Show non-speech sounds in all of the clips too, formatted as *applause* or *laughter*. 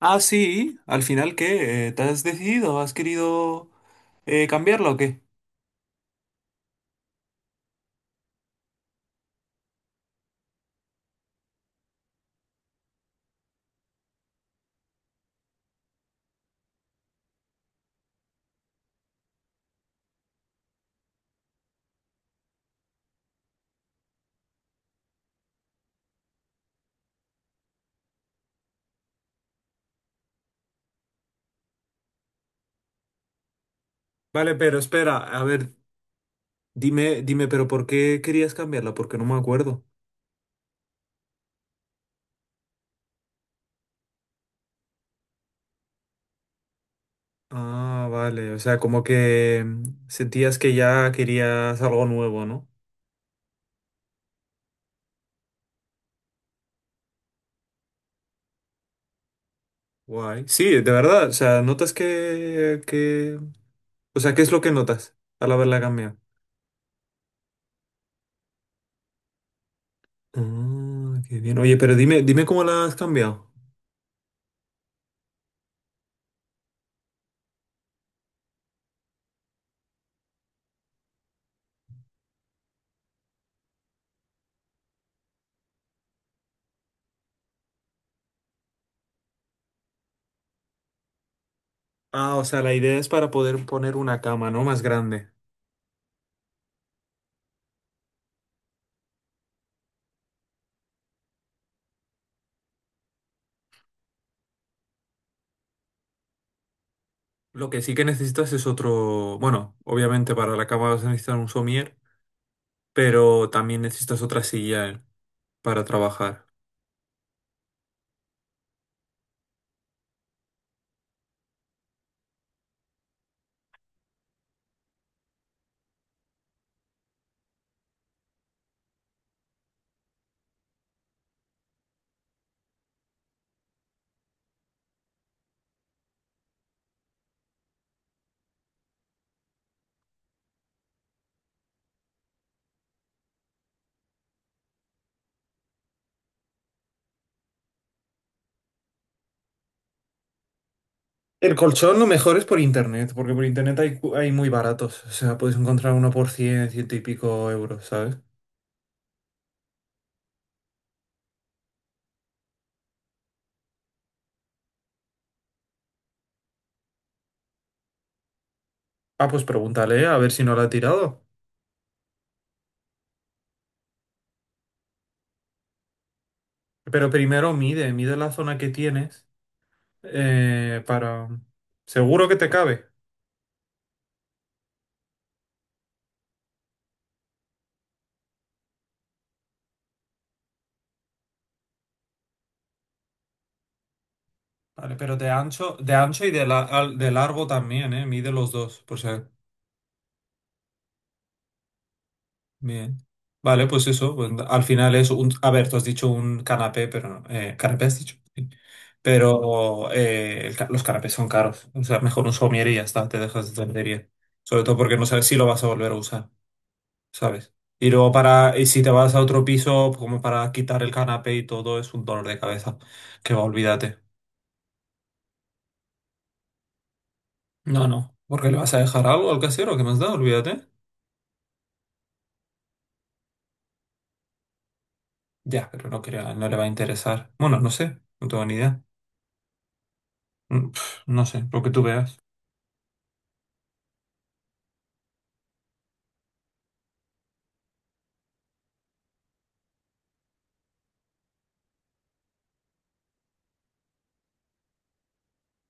Ah, sí, al final, ¿qué? ¿Te has decidido? ¿Has querido cambiarla o qué? Vale, pero espera, a ver, dime, pero ¿por qué querías cambiarla? Porque no me acuerdo. Ah, vale, o sea, como que sentías que ya querías algo nuevo, ¿no? Guay. Sí, de verdad, o sea, notas que... O sea, ¿qué es lo que notas al haberla cambiado? Ah, qué bien. Oye, pero dime cómo la has cambiado. Ah, o sea, la idea es para poder poner una cama, ¿no? Más grande. Lo que sí que necesitas es otro, bueno, obviamente para la cama vas a necesitar un somier, pero también necesitas otra silla para trabajar. El colchón lo mejor es por internet, porque por internet hay, hay muy baratos. O sea, puedes encontrar uno por 100 ciento y pico euros, ¿sabes? Ah, pues pregúntale a ver si no lo ha tirado. Pero primero mide la zona que tienes para... Seguro que te cabe. Vale, pero de ancho, de largo también, ¿eh? Mide los dos, pues bien. Vale, pues eso, pues, al final es un... A ver, tú has dicho un canapé, pero no... ¿canapé has dicho? Sí. Pero los canapés son caros. O sea, mejor un somier y ya está, te dejas de tontería. Sobre todo porque no sabes si lo vas a volver a usar, ¿sabes? Y luego para... Y si te vas a otro piso, como para quitar el canapé y todo, es un dolor de cabeza. Que va, olvídate. No, no, ¿porque le vas a dejar algo al casero que me has dado? Olvídate. Ya, pero no, no le va a interesar. Bueno, no sé, no tengo ni idea. No sé, lo que tú veas.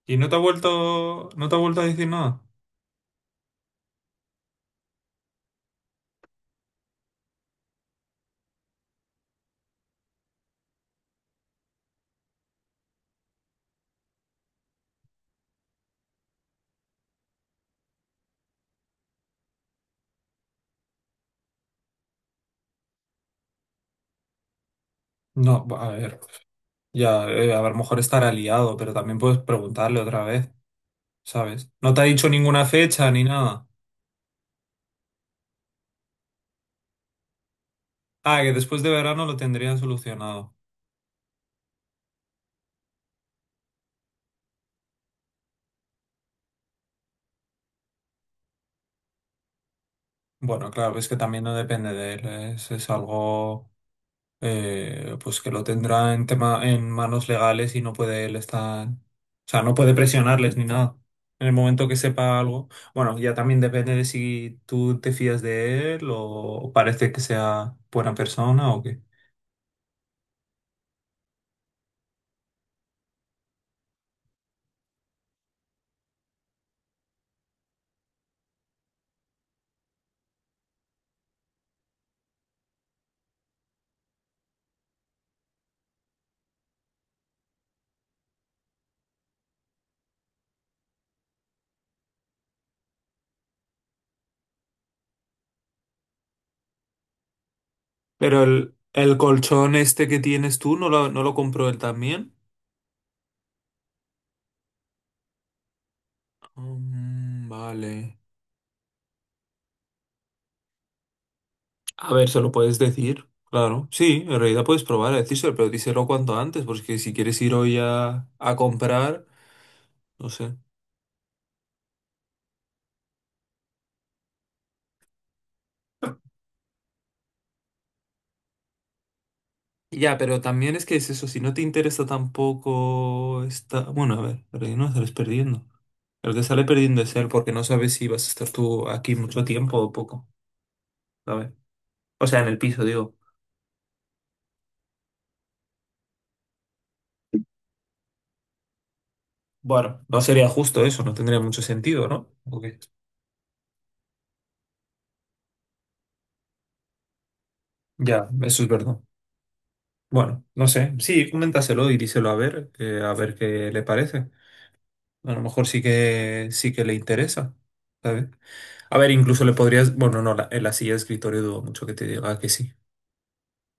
¿Y no te ha vuelto, no te ha vuelto a decir nada? No, a ver, ya, a lo mejor estará liado, pero también puedes preguntarle otra vez, ¿sabes? No te ha dicho ninguna fecha ni nada. Ah, que después de verano lo tendrían solucionado. Bueno, claro, es que también no depende de él, es algo. Pues que lo tendrá en tema, en manos legales y no puede él estar, o sea, no puede presionarles ni nada. En el momento que sepa algo, bueno, ya también depende de si tú te fías de él o parece que sea buena persona o qué. Pero el colchón este que tienes tú, ¿no lo, no lo compró él también? Mm, vale. A ver, se lo puedes decir. Claro, sí, en realidad puedes probar a decírselo, pero díselo cuanto antes, porque si quieres ir hoy a comprar, no sé. Ya, pero también es que es eso, si no te interesa tampoco está, bueno, a ver, pero ahí no sales perdiendo. El que sale perdiendo es él porque no sabes si vas a estar tú aquí mucho tiempo o poco, ¿sabes? O sea, en el piso, digo. Bueno, no sería justo eso, no tendría mucho sentido, ¿no? Ok. Ya, eso es verdad. Bueno, no sé. Sí, coméntaselo y díselo a ver qué le parece. A lo mejor sí que le interesa, ¿sabes? A ver, incluso le podrías, bueno, no, en la silla de escritorio dudo mucho que te diga que sí.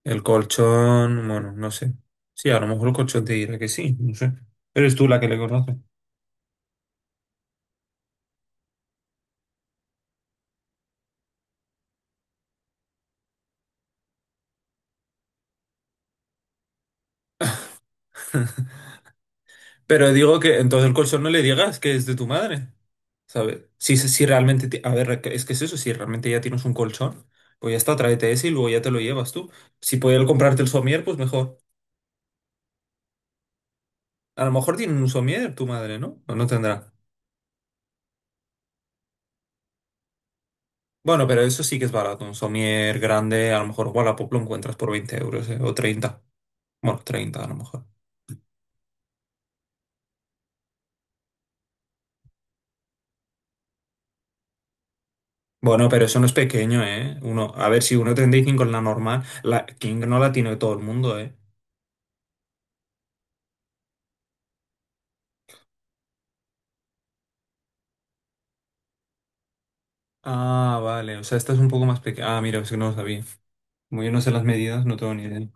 El colchón, bueno, no sé. Sí, a lo mejor el colchón te dirá que sí, no sé. Eres tú la que le conoce. *laughs* Pero digo que entonces el colchón no le digas que es de tu madre, ¿sabes? Si, si realmente, a ver, es que es eso, si realmente ya tienes un colchón, pues ya está, tráete ese y luego ya te lo llevas tú. Si pudiera comprarte el somier, pues mejor. A lo mejor tiene un somier tu madre, ¿no? O no tendrá. Bueno, pero eso sí que es barato, un somier grande, a lo mejor Wallapop lo encuentras por 20 euros, ¿eh? O 30. Bueno, 30 a lo mejor. Bueno, pero eso no es pequeño, ¿eh? Uno, a ver, si 1,35 es la normal, la king no la tiene todo el mundo, ¿eh? Ah, vale, o sea, esta es un poco más pequeña. Ah, mira, es que no lo sabía. Como yo no sé las medidas, no tengo ni idea.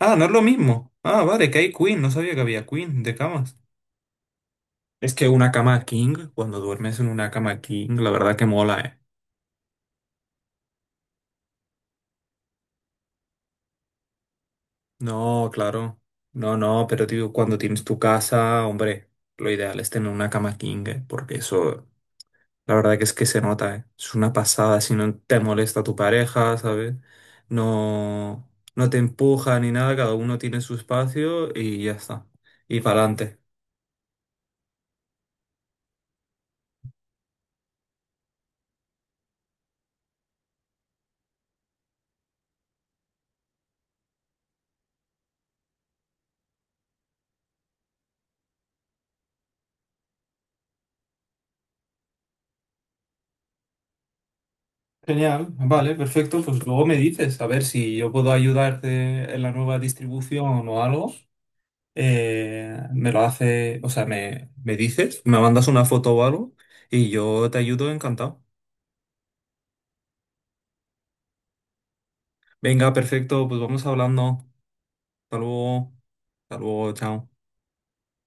Ah, no es lo mismo. Ah, vale, que hay queen, no sabía que había queen de camas. Es que una cama king, cuando duermes en una cama king, la verdad que mola, ¿eh? No, claro. No, no, pero tío, cuando tienes tu casa, hombre, lo ideal es tener una cama king, ¿eh? Porque eso la verdad que es que se nota, ¿eh? Es una pasada si no te molesta tu pareja, ¿sabes? No, no te empuja ni nada, cada uno tiene su espacio y ya está. Y para adelante. Genial, vale, perfecto. Pues luego me dices, a ver si yo puedo ayudarte en la nueva distribución o algo. Me lo hace, o sea, me dices, me mandas una foto o algo y yo te ayudo encantado. Venga, perfecto, pues vamos hablando. Hasta luego. Hasta luego, chao.